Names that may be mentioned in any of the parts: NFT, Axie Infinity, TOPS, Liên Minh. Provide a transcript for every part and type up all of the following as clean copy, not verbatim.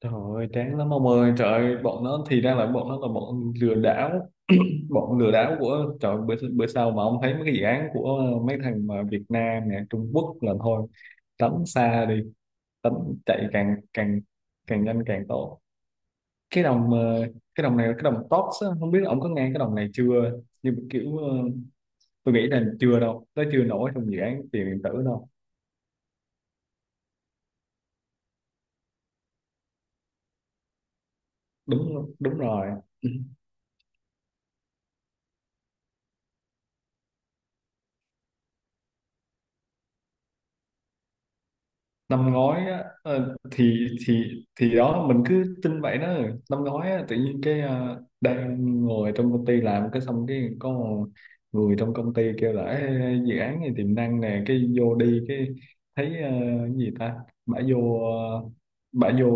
Trời ơi, chán lắm ông ơi, trời ơi, bọn nó thì ra là bọn nó là bọn lừa đảo của, trời ơi, bữa sau mà ông thấy mấy cái dự án của mấy thằng mà Việt Nam nè, Trung Quốc là thôi, tránh xa đi, tránh chạy càng càng càng nhanh càng tốt. Cái đồng ờ, cái đồng này là cái đồng TOPS á, không biết là ông có nghe cái đồng này chưa, nhưng mà kiểu tôi nghĩ là chưa đâu, nó chưa nổi trong dự án tiền điện tử đâu. Đúng, đúng rồi. Năm ngoái á, thì đó mình cứ tin vậy đó. Năm ngoái á, tự nhiên cái đang ngồi trong công ty làm cái xong cái có một người trong công ty kêu là "Ê, dự án này tiềm năng nè, cái vô đi cái thấy cái gì ta bả vô ờ, bả vô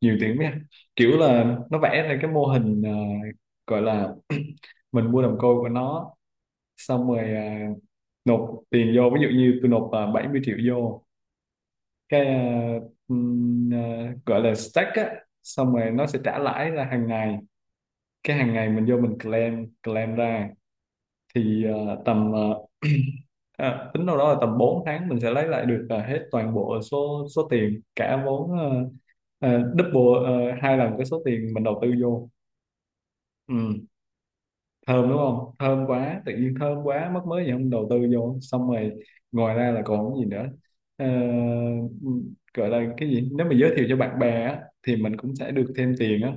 nhiều tiền quá ha." Kiểu là nó vẽ ra cái mô hình gọi là mình mua đồng coin của nó xong rồi, à, nộp tiền vô, ví dụ như tôi nộp, à, 70 triệu vô cái ừm, ờ, gọi là stack á, xong rồi nó sẽ trả lãi ra hàng ngày. Cái hàng ngày mình vô mình claim claim ra thì tầm tính đâu đó là tầm 4 tháng mình sẽ lấy lại được hết toàn bộ số số tiền cả vốn, double 2 lần cái số tiền mình đầu tư vô. Ừ, thơm đúng không, thơm quá, tự nhiên thơm quá mất, mới gì không đầu tư vô. Xong rồi ngoài ra là còn cái gì nữa? Ờ, gọi là cái gì, nếu mà giới thiệu cho bạn bè á, thì mình cũng sẽ được thêm tiền á.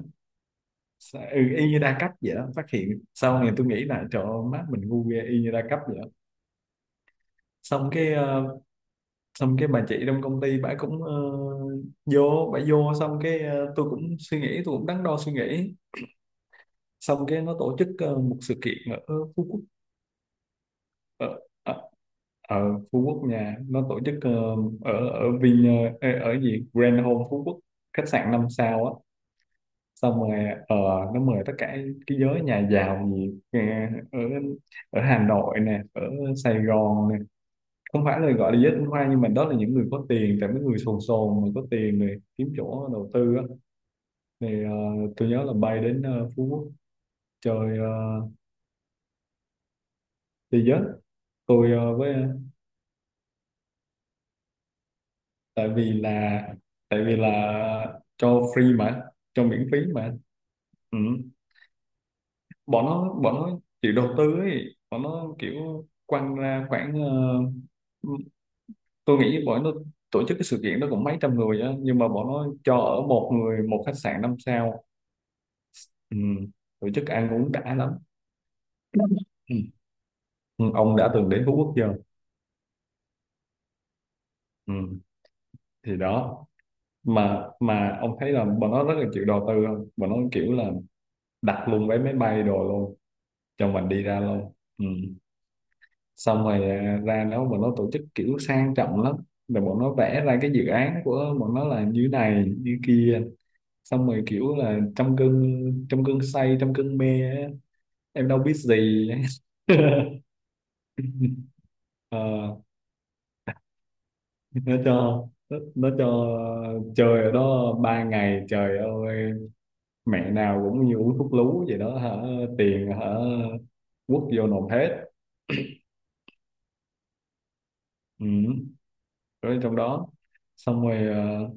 Sẽ- ừ, y như đa cấp vậy đó, phát hiện sau này tôi nghĩ là trời ơi, má mình ngu ghê, y như đa cấp vậy đó. Xong cái ờ, xong cái bà chị trong công ty bà cũng, vô bà vô, xong cái tôi cũng suy nghĩ, tôi cũng đắn đo suy nghĩ. Xong cái nó tổ chức một sự kiện ở Phú Quốc. ở, ở, Ở Phú Quốc nha, nó tổ chức ở ở Vin, ở, ở gì Grand Home Phú Quốc, khách sạn 5 sao á. Xong rồi ờ, nó mời tất cả cái giới nhà giàu gì ở ở Hà Nội nè, ở Sài Gòn nè, không phải là gọi là giới tinh hoa nhưng mà đó là những người có tiền, tại mấy người sồn sồn mà có tiền này kiếm chỗ đầu tư á. Thì tôi nhớ là bay đến Phú Quốc chơi, ờ, chơi giới tôi ờ, với, tại vì là, tại vì là cho free mà, cho miễn phí mà. Ừ, bọn nó, bọn nó chịu đầu tư ấy, bọn nó kiểu quăng ra khoảng tôi nghĩ bọn nó tổ chức cái sự kiện đó cũng mấy trăm người á, nhưng mà bọn nó cho ở một người một khách sạn 5 sao. Ừ, tổ chức ăn uống đã lắm. Ừ. Ừ, ông đã từng đến Phú Quốc chưa? Ừ, thì đó, mà ông thấy là bọn nó rất là chịu đầu tư không, bọn nó kiểu là đặt luôn vé máy bay đồ luôn cho mình đi ra luôn. Ừ, xong rồi, à, ra đó bọn nó tổ chức kiểu sang trọng lắm, rồi bọn nó vẽ ra cái dự án của bọn nó là như này như kia. Xong rồi kiểu là trong cơn say, trong cơn mê á, em đâu biết gì. Ờ, nó cho, nó cho chơi ở đó 3 ngày, trời ơi, mẹ nào cũng như uống thuốc lú vậy đó hả, tiền hả, quất vô nộp hết. Ừ, rồi trong đó. Xong rồi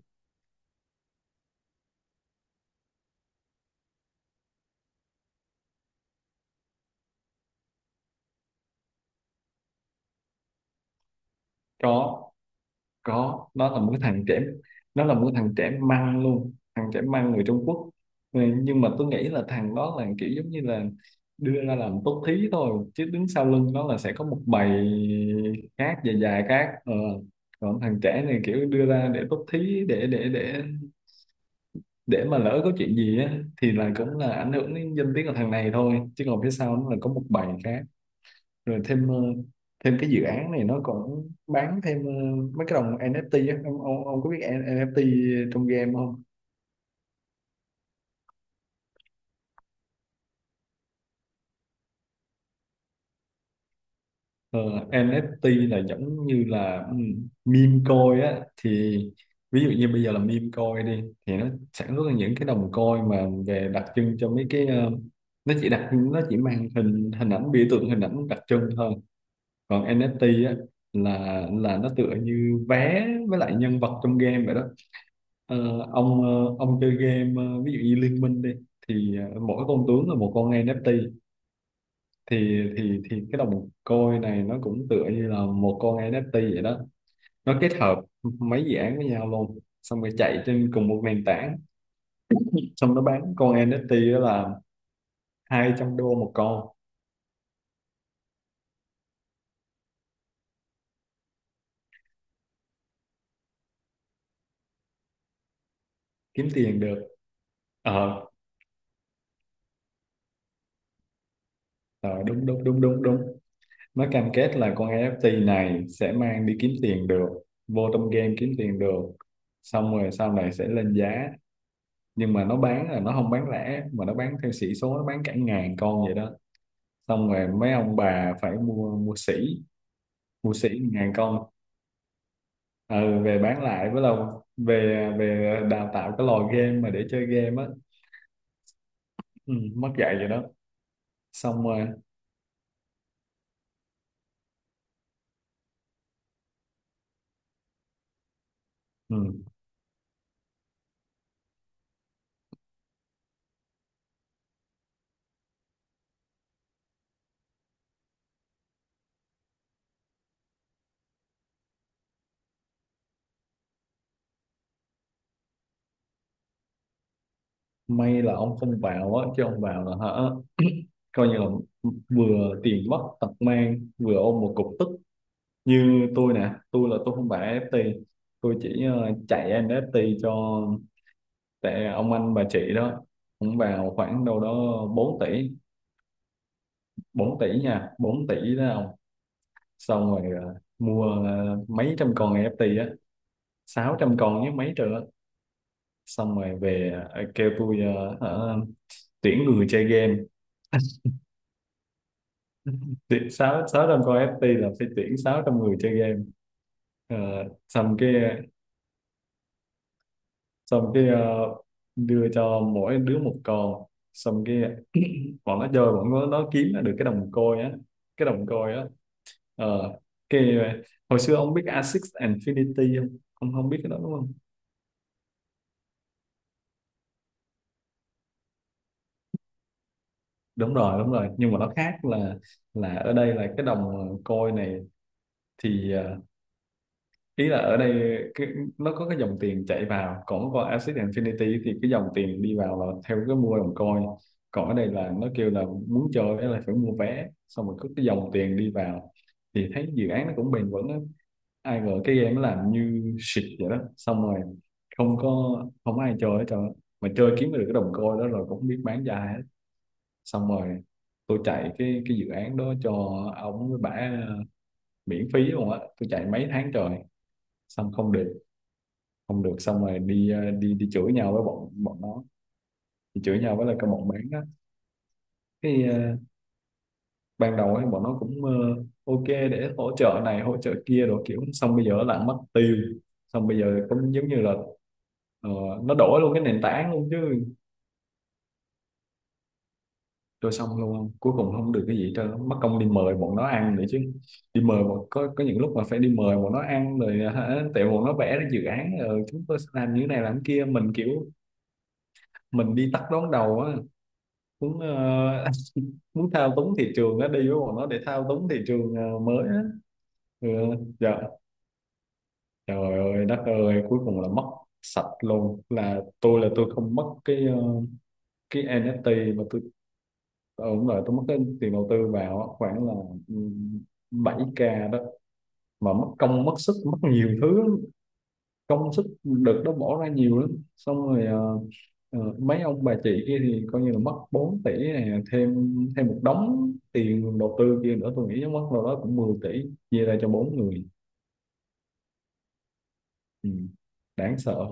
có có nó là một cái thằng trẻ, nó là một cái thằng trẻ măng luôn, thằng trẻ măng người Trung Quốc. Ừ, nhưng mà tôi nghĩ là thằng đó là kiểu giống như là đưa ra làm tốt thí thôi, chứ đứng sau lưng nó là sẽ có một bầy khác, dài dài khác ờ. Còn thằng trẻ này kiểu đưa ra để tốt thí, để mà lỡ có chuyện gì á thì là cũng là ảnh hưởng đến danh tiếng của thằng này thôi, chứ còn phía sau nó là có một bầy khác. Rồi thêm thêm cái dự án này nó còn bán thêm mấy cái đồng NFT á ông, ông có biết NFT trong game không? Ờ, NFT là giống như là ừ, meme coin á thì, ví dụ như bây giờ là meme coin đi, thì nó sản xuất ra những cái đồng coin mà về đặc trưng cho mấy cái nó chỉ đặc, nó chỉ mang hình hình ảnh biểu tượng, hình ảnh đặc trưng thôi. Còn NFT á là nó tựa như vé với lại nhân vật trong game vậy đó. Ờ, ông ông chơi game ví dụ như Liên Minh đi, thì mỗi con tướng là một con NFT, thì cái đồng coin này nó cũng tựa như là một con NFT vậy đó, nó kết hợp mấy dự án với nhau luôn, xong rồi chạy trên cùng một nền tảng. Xong nó bán con NFT đó là $200 một con, kiếm tiền được. Ờ, ờ, đúng đúng đúng đúng đúng, nó cam kết là con NFT này sẽ mang đi kiếm tiền được, vô trong game kiếm tiền được, xong rồi sau này sẽ lên giá. Nhưng mà nó bán là nó không bán lẻ, mà nó bán theo sĩ số, nó bán cả ngàn con vậy đó. Xong rồi mấy ông bà phải mua, mua sỉ, mua sỉ ngàn con. Ừ, về bán lại, với lâu về, đào tạo cái lò game mà để chơi game á. Ừ, mất dạy vậy đó. Xong rồi ừ, may là ông không vào á, chứ ông vào là hả, coi như là vừa tiền mất tật mang vừa ôm một cục tức. Như tôi nè, tôi là tôi không phải FT, tôi chỉ chạy NFT cho, tại ông anh bà chị đó cũng vào khoảng đâu đó 4 tỷ, 4 tỷ nha, 4 tỷ đó ông. Xong rồi mua mấy trăm con NFT á, 600 con với mấy triệu á. Xong rồi về kêu tôi hả, tuyển người chơi game, tuyển sáu sáu trăm con NFT là phải tuyển 600 người chơi game. Ờ, xong cái, xong cái ờ, đưa cho mỗi đứa một con. Xong cái bọn nó chơi bọn nó kiếm được cái đồng coin á, cái đồng coin á ờ cái hồi xưa ông biết Asics Infinity không, ông không biết cái đó đúng không? Đúng rồi, đúng rồi, nhưng mà nó khác là ở đây là cái đồng côi này thì ý là ở đây cái, nó có cái dòng tiền chạy vào, còn qua Axie Infinity thì cái dòng tiền đi vào là theo cái mua đồng coin, còn ở đây là nó kêu là muốn chơi á là phải mua vé, xong rồi có cái dòng tiền đi vào, thì thấy dự án nó cũng bền vững á. Ai ngờ cái game nó làm như shit vậy đó, xong rồi không có, không ai chơi hết trơn á. Mà chơi kiếm được cái đồng coin đó rồi cũng không biết bán ra hết. Xong rồi tôi chạy cái dự án đó cho ông với bả miễn phí luôn á, tôi chạy mấy tháng trời, xong không được, không được. Xong rồi đi ờ, đi đi chửi nhau với bọn bọn nó, đi chửi nhau với lại cái bọn bán á. Cái ban đầu ấy bọn nó cũng ok để hỗ trợ này hỗ trợ kia, rồi kiểu xong bây giờ nó lại mất tiêu, xong bây giờ cũng giống như là ờ, nó đổi luôn cái nền tảng luôn chứ. Rồi xong luôn, cuối cùng không được cái gì hết trơn, mất công đi mời bọn nó ăn nữa chứ. Đi mời bọn, có những lúc mà phải đi mời bọn nó ăn rồi hả, tại bọn nó vẽ ra dự án rồi chúng tôi sẽ làm như thế này làm thế kia, mình kiểu mình đi tắt đón đầu á, muốn muốn thao túng thị trường, nó đi với bọn nó để thao túng thị trường mới á. Ừ, dạ. Trời ơi đất ơi, cuối cùng là mất sạch luôn. Là tôi là tôi không mất cái cái NFT mà tôi đúng rồi, tôi mất cái tiền đầu tư vào á, khoảng là ừ, 7k đó, mà mất công mất sức mất nhiều thứ lắm, công sức đợt đó bỏ ra nhiều lắm. Xong rồi mấy ông bà chị kia thì coi như là mất 4 tỷ này, thêm thêm một đống tiền đầu tư kia nữa, tôi nghĩ chắc mất đâu đó cũng 10 tỷ chia ra cho 4 người. Ừ, đáng sợ.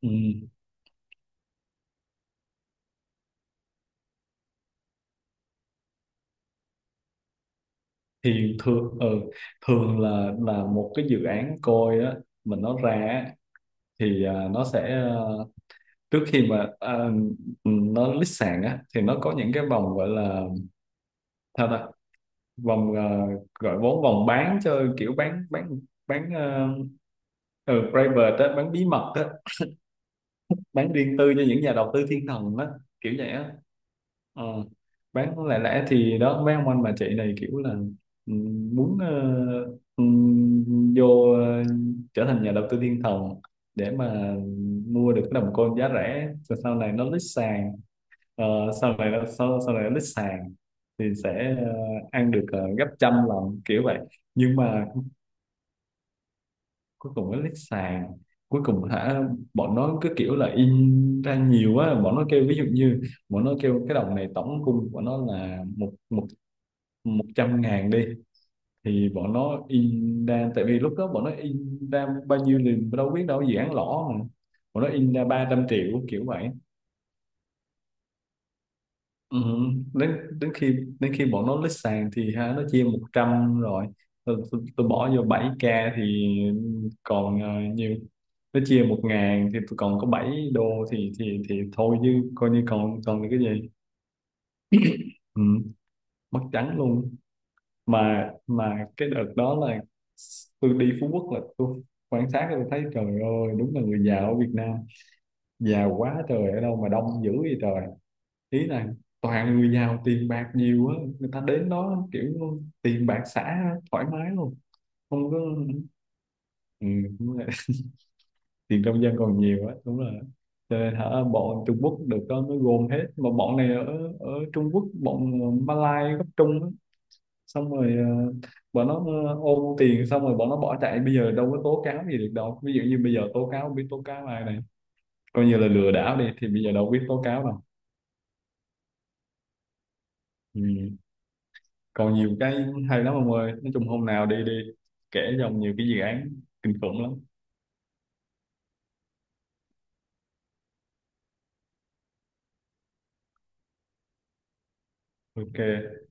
Ừ, thì thường thường là một cái dự án coi á, mình nó ra á, thì à, nó sẽ trước khi mà à, ừ, nó list sàn á, thì nó có những cái vòng gọi là, sao ta, vòng gọi vốn, vòng bán cho kiểu bán ừ, private á, bán bí mật á, bán riêng tư cho những nhà đầu tư thiên thần á, kiểu vậy á. Ờ, bán lẻ lẻ thì đó, mấy ông anh bà chị này kiểu là ừ, muốn ừ, vô ờ, trở thành nhà đầu tư thiên thần, để mà mua được cái đồng coin giá rẻ rồi sau này nó lít sàn. Ờ, sau này nó, sau này nó lít sàn thì sẽ ăn được gấp 100 lần kiểu vậy. Nhưng mà cuối cùng nó lít sàn cuối cùng hả, bọn nó cứ kiểu là in ra nhiều á. Bọn nó kêu ví dụ như bọn nó kêu cái đồng này tổng cung của nó là một một 100.000 đi, thì bọn nó in ra, tại vì lúc đó bọn nó in ra bao nhiêu thì đâu biết đâu, dự án lỗ mà, bọn nó in ra 300 triệu kiểu vậy. Ừ, đến đến khi, đến khi bọn nó lít sàn thì ha, nó chia 100 rồi. Tôi bỏ vô 7k thì còn nhiều, nó chia 1.000 thì tôi còn có $7, thì thôi chứ, coi như còn, còn được cái gì. Ừ, mất trắng luôn. Mà cái đợt đó là tôi đi Phú Quốc là tôi quan sát, tôi thấy trời ơi, đúng là người giàu ở Việt Nam giàu quá trời, ở đâu mà đông dữ vậy trời. Ý là toàn người giàu, tiền bạc nhiều á, người ta đến đó kiểu tiền bạc xả thoải mái luôn. Không có ừ, đúng rồi. Tiền trong dân còn nhiều á, đúng là cho nên hả, bọn Trung Quốc được đó mới gồm hết. Mà bọn này ở ở Trung Quốc, bọn Malai gốc Trung á. Xong rồi bọn nó ôm tiền xong rồi bọn nó bỏ chạy, bây giờ đâu có tố cáo gì được đâu, ví dụ như bây giờ tố cáo không biết tố cáo ai này, coi như là lừa đảo đi, thì bây giờ đâu biết tố cáo đâu. Ừ, còn nhiều cái hay lắm ông ơi, nói chung hôm nào đi, đi kể cho ông nhiều cái dự án kinh khủng lắm. Ok.